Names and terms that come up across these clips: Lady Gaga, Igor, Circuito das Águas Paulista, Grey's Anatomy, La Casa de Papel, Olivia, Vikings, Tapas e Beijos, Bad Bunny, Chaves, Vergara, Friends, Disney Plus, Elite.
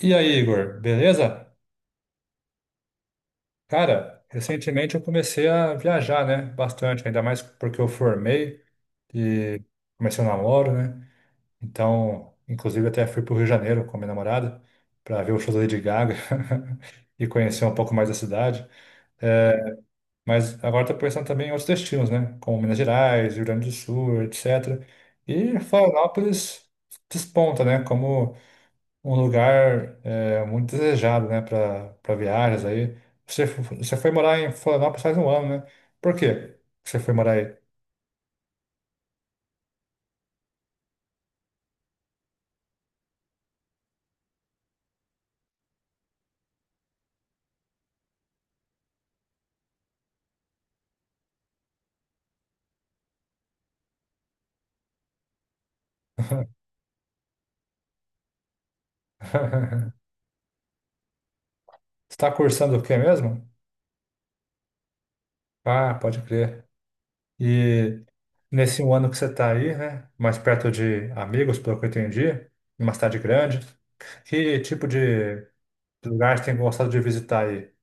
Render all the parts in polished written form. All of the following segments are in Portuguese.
E aí, Igor, beleza? Cara, recentemente eu comecei a viajar, né? Bastante, ainda mais porque eu formei e comecei o namoro, né? Então, inclusive até fui pro Rio de Janeiro com a minha namorada para ver o show da Lady Gaga e conhecer um pouco mais da cidade. É, mas agora tô pensando também em outros destinos, né? Como Minas Gerais, Rio Grande do Sul, etc. E Florianópolis desponta, né? Como um lugar muito desejado, né, para viagens aí. Você foi morar em Florianópolis faz um ano, né? Por quê que você foi morar aí? Você está cursando o quê mesmo? Ah, pode crer. E nesse um ano que você está aí, né, mais perto de amigos, pelo que eu entendi, numa cidade grande, que tipo de lugar você tem gostado de visitar aí?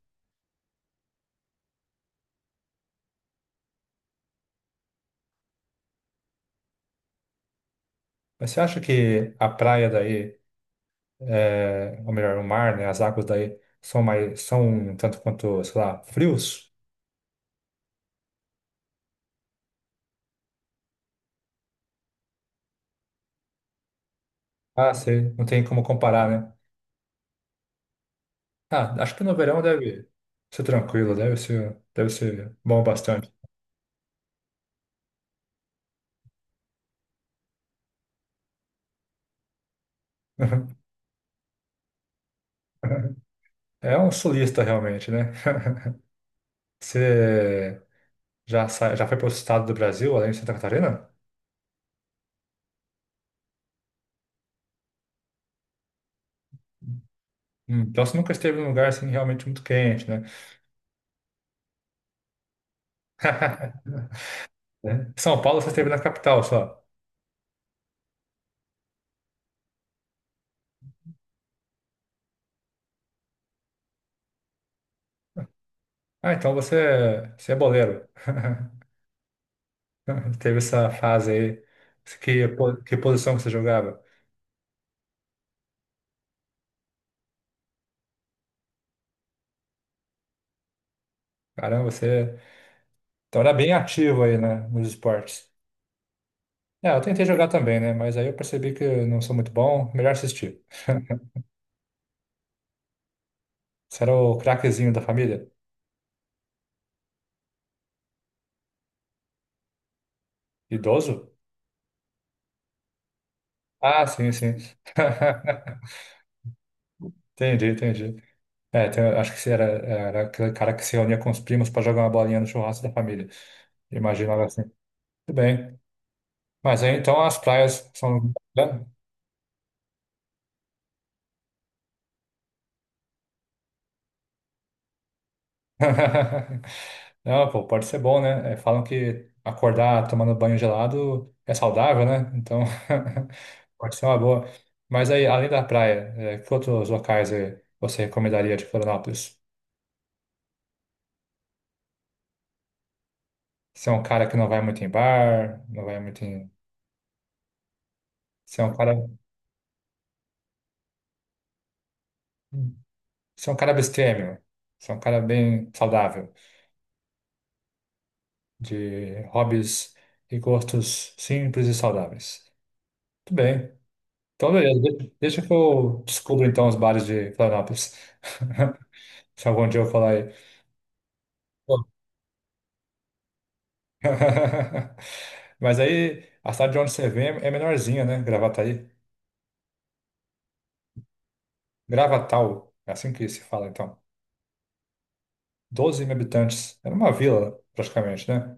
Mas você acha que a praia daí ou melhor, o mar, né, as águas daí são mais, são um tanto quanto, sei lá, frios? Ah, sei, não tem como comparar, né? Ah, acho que no verão deve ser tranquilo, deve ser bom bastante. É um sulista realmente, né? Você já foi para o estado do Brasil, além de Santa Catarina? Então você nunca esteve num lugar assim realmente muito quente, né? Né? São Paulo você esteve na capital só. Ah, então você, você é boleiro. Teve essa fase aí. Que posição que você jogava? Caramba, você então era bem ativo aí, né, nos esportes. É, eu tentei jogar também, né, mas aí eu percebi que eu não sou muito bom, melhor assistir. Você era o craquezinho da família? Idoso? Ah, sim, sim. Entendi, entendi. É, acho que você era aquele cara que se reunia com os primos para jogar uma bolinha no churrasco da família. Imaginava assim. Tudo bem. Mas aí então as praias são, né? Não, pô, pode ser bom, né? É, falam que acordar tomando banho gelado é saudável, né? Então, pode ser uma boa. Mas aí, além da praia, que outros locais você recomendaria de Florianópolis? Você é um cara que não vai muito em bar, não vai muito em... Você é um cara... Você é um cara abstêmio. Você é um cara bem saudável, de hobbies e gostos simples e saudáveis. Tudo bem. Então, beleza, deixa que eu descubro então os bares de Florianópolis. Se algum dia eu falar aí. Bom. Mas aí, a cidade de onde você vem é menorzinha, né? Gravataí. Gravatal, é assim que se fala então. 12 mil habitantes. Era uma vila, praticamente, né?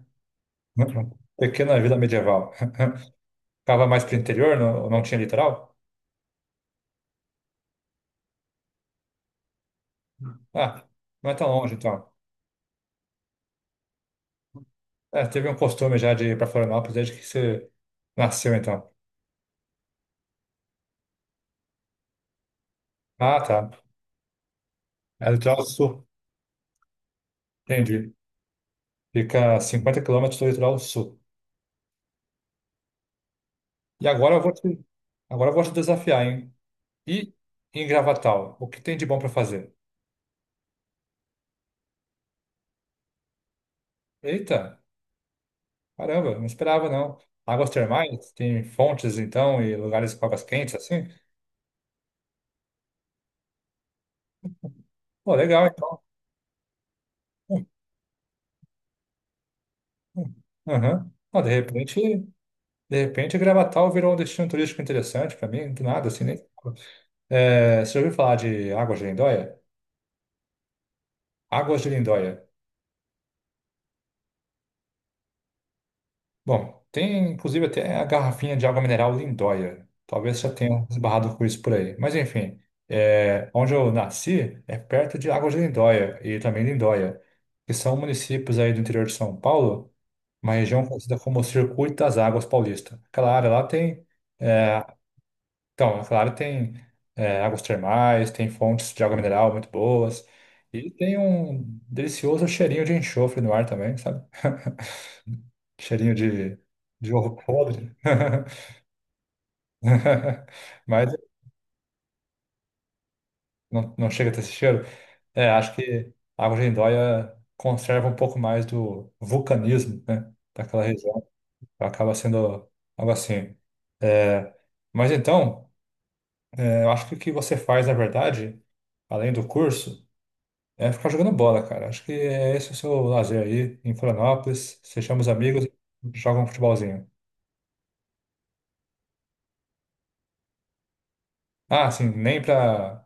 Pequena vila medieval. Ficava mais para o interior, não, não tinha litoral? Ah, não é tão longe então. É, teve um costume já de ir para Florianópolis desde que você nasceu então. Ah, tá. É litoral sul. Entendi. Fica a 50 quilômetros do litoral sul. E agora eu vou te, agora eu vou te desafiar, hein? E em Gravatal, o que tem de bom para fazer? Eita, caramba, não esperava não. Águas termais, tem fontes então e lugares com águas quentes assim? Pô, legal então. Hum, hum, aham. Ó, de repente Gravatal virou um destino turístico interessante para mim, do nada assim, nem. É, você já ouviu falar de Águas de Lindóia? Águas de Lindóia. Bom, tem inclusive até a garrafinha de água mineral Lindóia. Talvez já tenha esbarrado com isso por aí. Mas enfim, é, onde eu nasci é perto de Águas de Lindóia e também Lindóia, que são municípios aí do interior de São Paulo, uma região conhecida como Circuito das Águas Paulista. Aquela área lá tem é, então, a Clara tem águas termais, tem fontes de água mineral muito boas e tem um delicioso cheirinho de enxofre no ar também, sabe? Cheirinho de ovo podre. Mas não, não chega a ter esse cheiro. É, acho que a água de Lindóia conserva um pouco mais do vulcanismo, né? Daquela região. Acaba sendo algo assim. É, mas então, é, eu acho que o que você faz, na verdade, além do curso. É ficar jogando bola, cara. Acho que é esse o seu lazer aí em Florianópolis. Você chama os amigos, joga um futebolzinho. Ah, assim, nem pra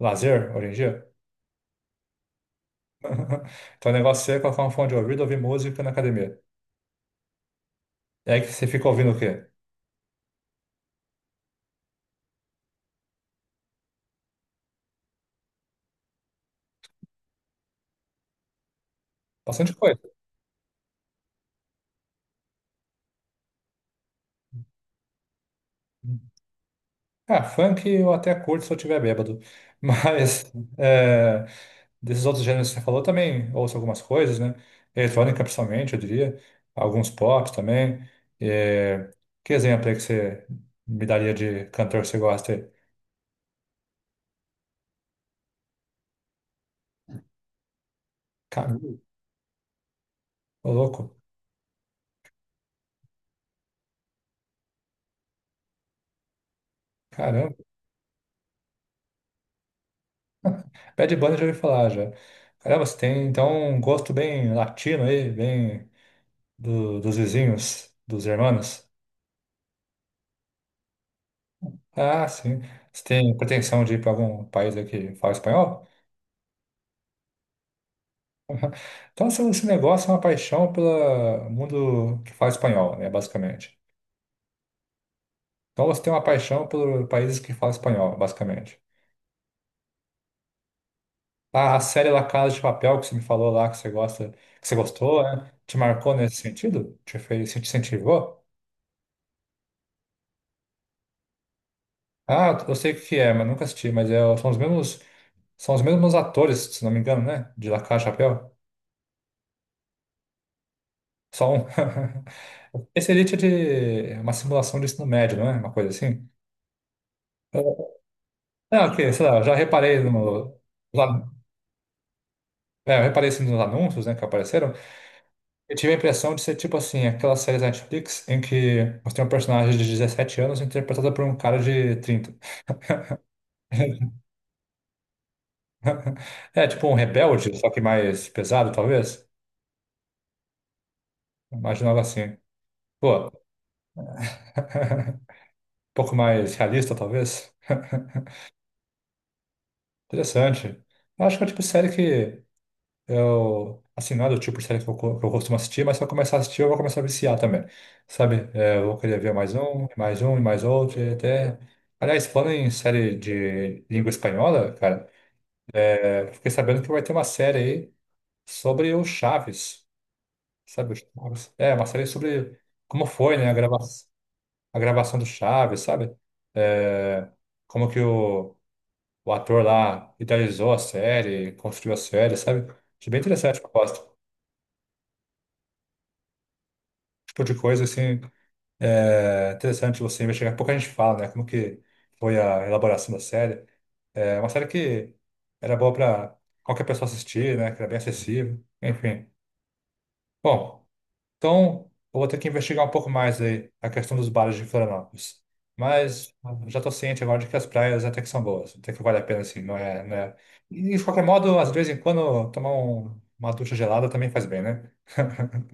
lazer hoje em dia? Então o negócio é colocar um fone de ouvido, e ouvir música na academia. E aí que você fica ouvindo o quê? Bastante coisa. Ah, funk eu até curto se eu estiver bêbado. Mas, é, desses outros gêneros que você falou também ouço algumas coisas, né? Eletrônica, principalmente, eu diria. Alguns pops também. É, Que exemplo aí que você me daria de cantor que você gosta aí? Ca- Ô, louco. Caramba. Bad Bunny eu já ouvi falar, já. Caramba, você tem, então, um gosto bem latino aí, bem dos vizinhos, dos irmãos. Ah, sim. Você tem pretensão de ir para algum país aí que fala espanhol? Então, esse negócio é uma paixão pelo mundo que fala espanhol, né, basicamente. Então você tem uma paixão por países que falam espanhol, basicamente. Ah, a série La Casa de Papel que você me falou lá que você gosta, que você gostou, né? Te marcou nesse sentido? Te fez, te incentivou? Ah, eu sei o que é, mas nunca assisti, mas é, são os mesmos atores, se não me engano, né? De La Casa de Papel. Só um. Esse Elite é de é uma simulação de ensino médio, não é? Uma coisa assim. Ah, ok, sei lá, eu já reparei no. lá- É, eu reparei assim, nos anúncios, né, que apareceram. Eu tive a impressão de ser tipo assim, aquelas séries da Netflix em que você tem um personagem de 17 anos interpretado por um cara de 30. É tipo um rebelde, só que mais pesado, talvez. Imaginava assim. Pô, um pouco mais realista, talvez. Interessante. Eu acho que é o tipo de série que eu, assim, não é do tipo de série que eu, que eu costumo assistir, mas se eu começar a assistir, eu vou começar a viciar também, sabe? É, eu vou querer ver mais um, e mais um, e mais outro, e até... Aliás, falando em série de língua espanhola, cara, é, eu fiquei sabendo que vai ter uma série aí sobre o Chaves, sabe? O Chaves. É, uma série sobre como foi, né, a gravação do Chaves, sabe? É, como que o ator lá idealizou a série, construiu a série, sabe? Achei bem interessante a proposta. Tipo de coisa, assim. É interessante você investigar. Pouco a gente fala, né? Como que foi a elaboração da série. É uma série que era boa para qualquer pessoa assistir, né? Que era bem acessível. Enfim. Bom, então eu vou ter que investigar um pouco mais aí a questão dos bares de Florianópolis. Mas já estou ciente agora de que as praias até que são boas. Até que vale a pena, assim, não é, não é... E de qualquer modo, às vezes em quando tomar uma ducha gelada também faz bem, né?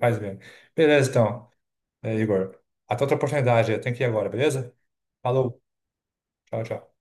Faz bem. Beleza, então. É, Igor. Até outra oportunidade. Eu tenho que ir agora, beleza? Falou. Tchau, tchau.